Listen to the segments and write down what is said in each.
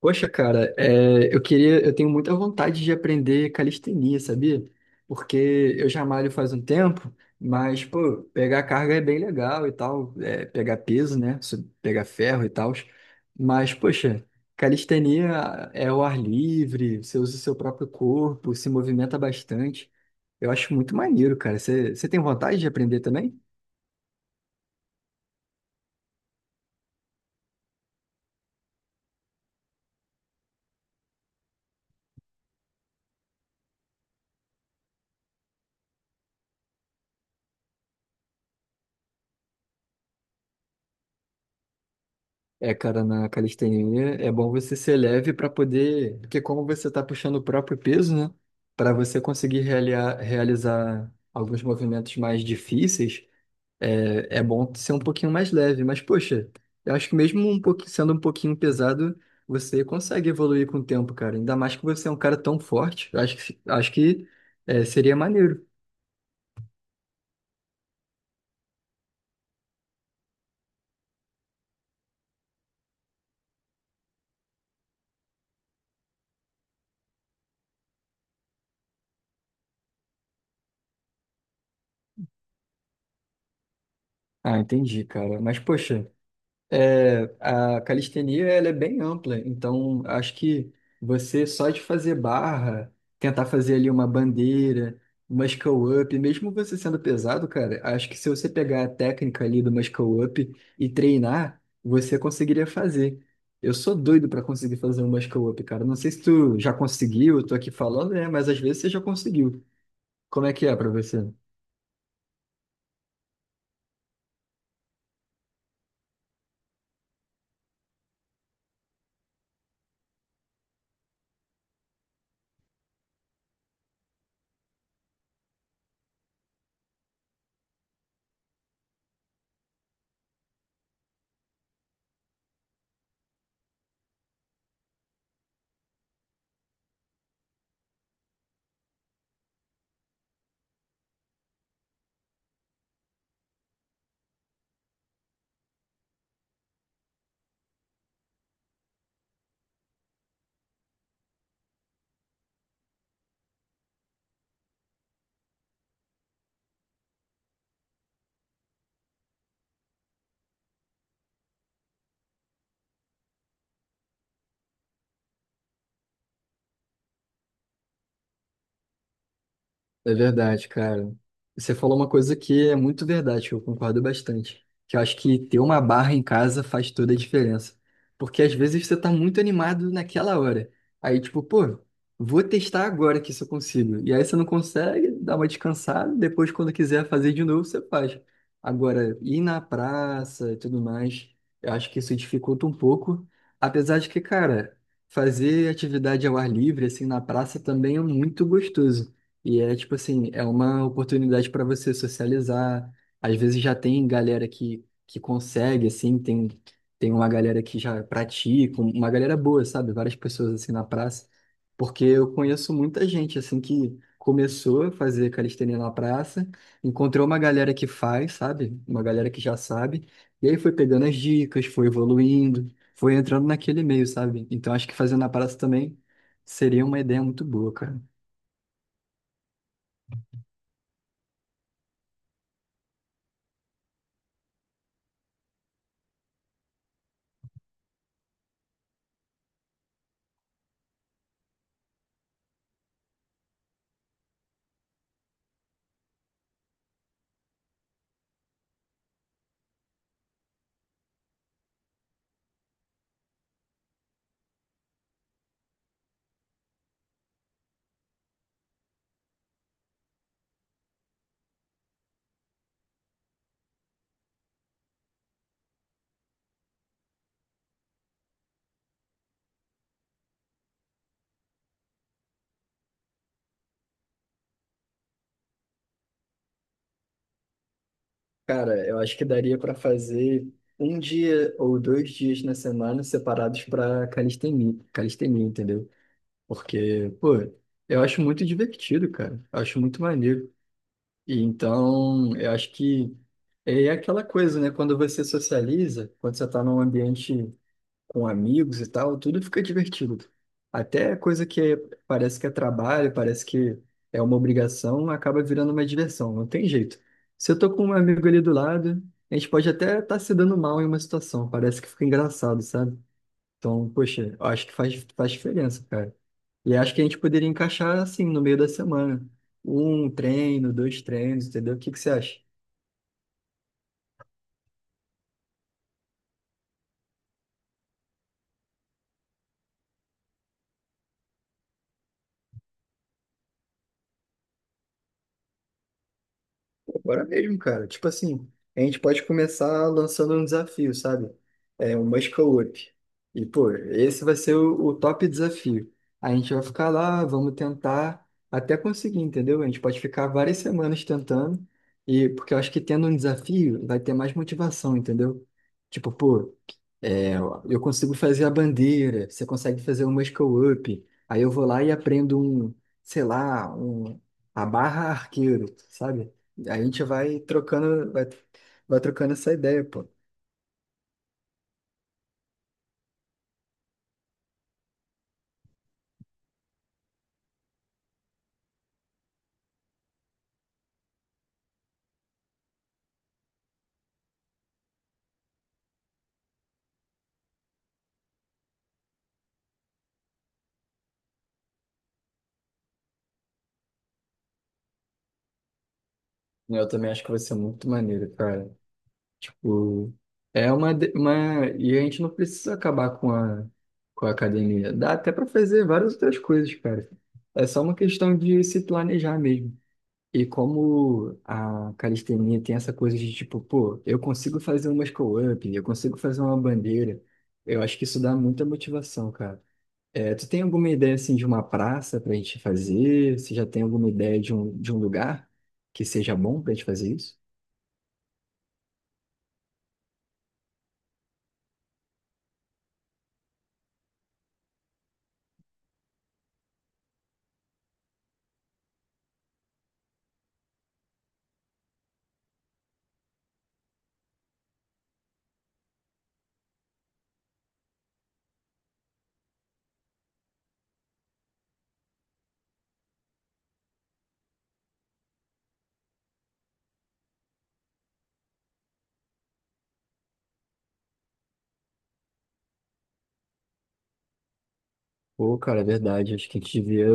Poxa, cara, é, eu tenho muita vontade de aprender calistenia, sabia? Porque eu já malho faz um tempo, mas, pô, pegar carga é bem legal e tal, é, pegar peso, né? Pegar ferro e tal. Mas, poxa, calistenia é o ar livre, você usa o seu próprio corpo, se movimenta bastante. Eu acho muito maneiro, cara. Você tem vontade de aprender também? É, cara, na calistenia é bom você ser leve para poder, porque como você tá puxando o próprio peso, né? Para você conseguir realizar alguns movimentos mais difíceis, é, é bom ser um pouquinho mais leve. Mas, poxa, eu acho que mesmo um pouquinho, sendo um pouquinho pesado, você consegue evoluir com o tempo, cara. Ainda mais que você é um cara tão forte. Eu acho que é, seria maneiro. Ah, entendi, cara. Mas, poxa. É, a calistenia ela é bem ampla, então acho que você só de fazer barra, tentar fazer ali uma bandeira, muscle up, mesmo você sendo pesado, cara, acho que se você pegar a técnica ali do muscle up e treinar, você conseguiria fazer. Eu sou doido para conseguir fazer um muscle up, cara. Não sei se tu já conseguiu, eu tô aqui falando, né? Mas às vezes você já conseguiu. Como é que é para você? É verdade, cara. Você falou uma coisa que é muito verdade, que eu concordo bastante. Que eu acho que ter uma barra em casa faz toda a diferença. Porque às vezes você tá muito animado naquela hora. Aí, tipo, pô, vou testar agora que isso eu consigo. E aí você não consegue, dá uma descansada, depois quando quiser fazer de novo, você faz. Agora, ir na praça e tudo mais, eu acho que isso dificulta um pouco. Apesar de que, cara, fazer atividade ao ar livre, assim, na praça também é muito gostoso. E é tipo assim, é uma oportunidade para você socializar. Às vezes já tem galera que consegue, assim, tem uma galera que já pratica, uma galera boa, sabe? Várias pessoas assim na praça. Porque eu conheço muita gente assim que começou a fazer calistenia na praça, encontrou uma galera que faz, sabe? Uma galera que já sabe, e aí foi pegando as dicas, foi evoluindo, foi entrando naquele meio, sabe? Então acho que fazer na praça também seria uma ideia muito boa, cara. Cara, eu acho que daria para fazer um dia ou dois dias na semana separados para calistenia, entendeu? Porque, pô, eu acho muito divertido, cara. Eu acho muito maneiro. E então, eu acho que é aquela coisa, né? Quando você socializa, quando você tá num ambiente com amigos e tal, tudo fica divertido. Até coisa parece que é trabalho, parece que é uma obrigação, acaba virando uma diversão, não tem jeito. Se eu tô com um amigo ali do lado, a gente pode até estar se dando mal em uma situação, parece que fica engraçado, sabe? Então, poxa, eu acho que faz, faz diferença, cara. E acho que a gente poderia encaixar assim, no meio da semana. Um treino, dois treinos, entendeu? O que você acha? Bora mesmo, cara. Tipo assim, a gente pode começar lançando um desafio, sabe? É um Muscle Up. E, pô, esse vai ser o top desafio. A gente vai ficar lá, vamos tentar até conseguir, entendeu? A gente pode ficar várias semanas tentando, e porque eu acho que tendo um desafio vai ter mais motivação, entendeu? Tipo, pô, é, eu consigo fazer a bandeira, você consegue fazer o muscle-up. Aí eu vou lá e aprendo sei lá, um, a barra arqueiro, sabe? A gente vai trocando, vai trocando essa ideia, pô. Eu também acho que vai ser muito maneiro, cara. Tipo, é e a gente não precisa acabar com a academia. Dá até pra fazer várias outras coisas, cara. É só uma questão de se planejar mesmo. E como a calistenia tem essa coisa de tipo, pô, eu consigo fazer um muscle-up, eu consigo fazer uma bandeira, eu acho que isso dá muita motivação, cara. É, tu tem alguma ideia, assim, de uma praça pra gente fazer? Você já tem alguma ideia de de um lugar que seja bom pra gente fazer isso? Pô, cara, é verdade. Acho que a gente devia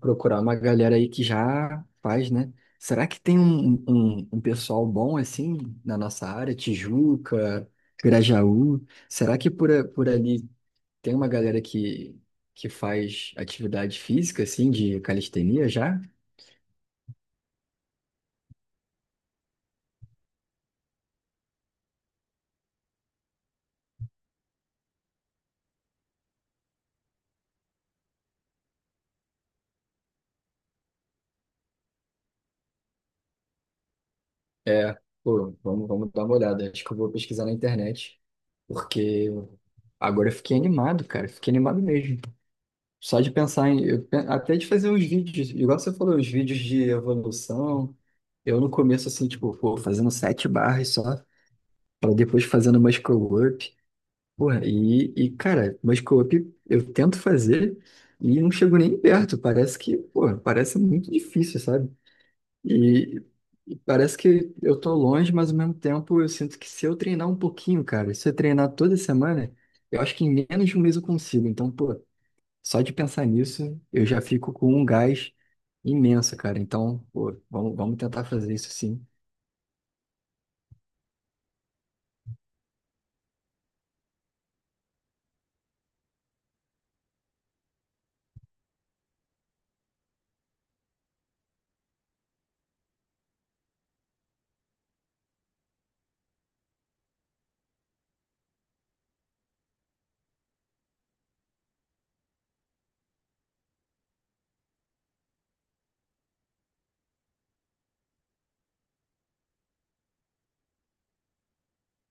procurar uma galera aí que já faz, né? Será que tem um pessoal bom assim na nossa área? Tijuca, Grajaú? Será que por ali tem uma galera que faz atividade física, assim, de calistenia já? É, pô, vamos, vamos dar uma olhada. Acho que eu vou pesquisar na internet, porque agora eu fiquei animado, cara. Fiquei animado mesmo. Só de pensar em. Até de fazer os vídeos, igual você falou, os vídeos de evolução. Eu no começo, assim, tipo, pô, fazendo sete barras só, para depois fazendo muscle up. Porra, cara, muscle up eu tento fazer e não chego nem perto. Parece que, pô, parece muito difícil, sabe? E, e parece que eu tô longe, mas ao mesmo tempo eu sinto que se eu treinar um pouquinho, cara, se eu treinar toda semana, eu acho que em menos de um mês eu consigo. Então, pô. Só de pensar nisso, eu já fico com um gás imenso, cara. Então, pô, vamos, vamos tentar fazer isso sim.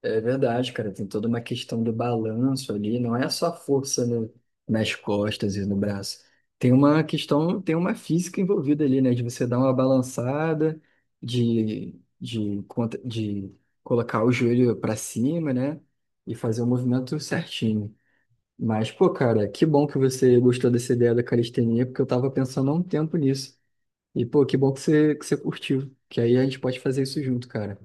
É verdade, cara. Tem toda uma questão do balanço ali. Não é só força no- nas costas e no braço. Tem uma questão, tem uma física envolvida ali, né? De você dar uma balançada, de colocar o joelho para cima, né? E fazer o movimento certinho. Mas, pô, cara, que bom que você gostou dessa ideia da calistenia, porque eu tava pensando há um tempo nisso. E, pô, que bom que que você curtiu. Que aí a gente pode fazer isso junto, cara.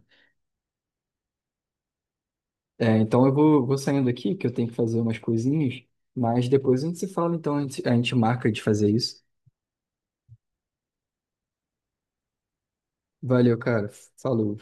É, então vou saindo aqui, que eu tenho que fazer umas coisinhas. Mas depois a gente se fala, então a gente marca de fazer isso. Valeu, cara. Falou.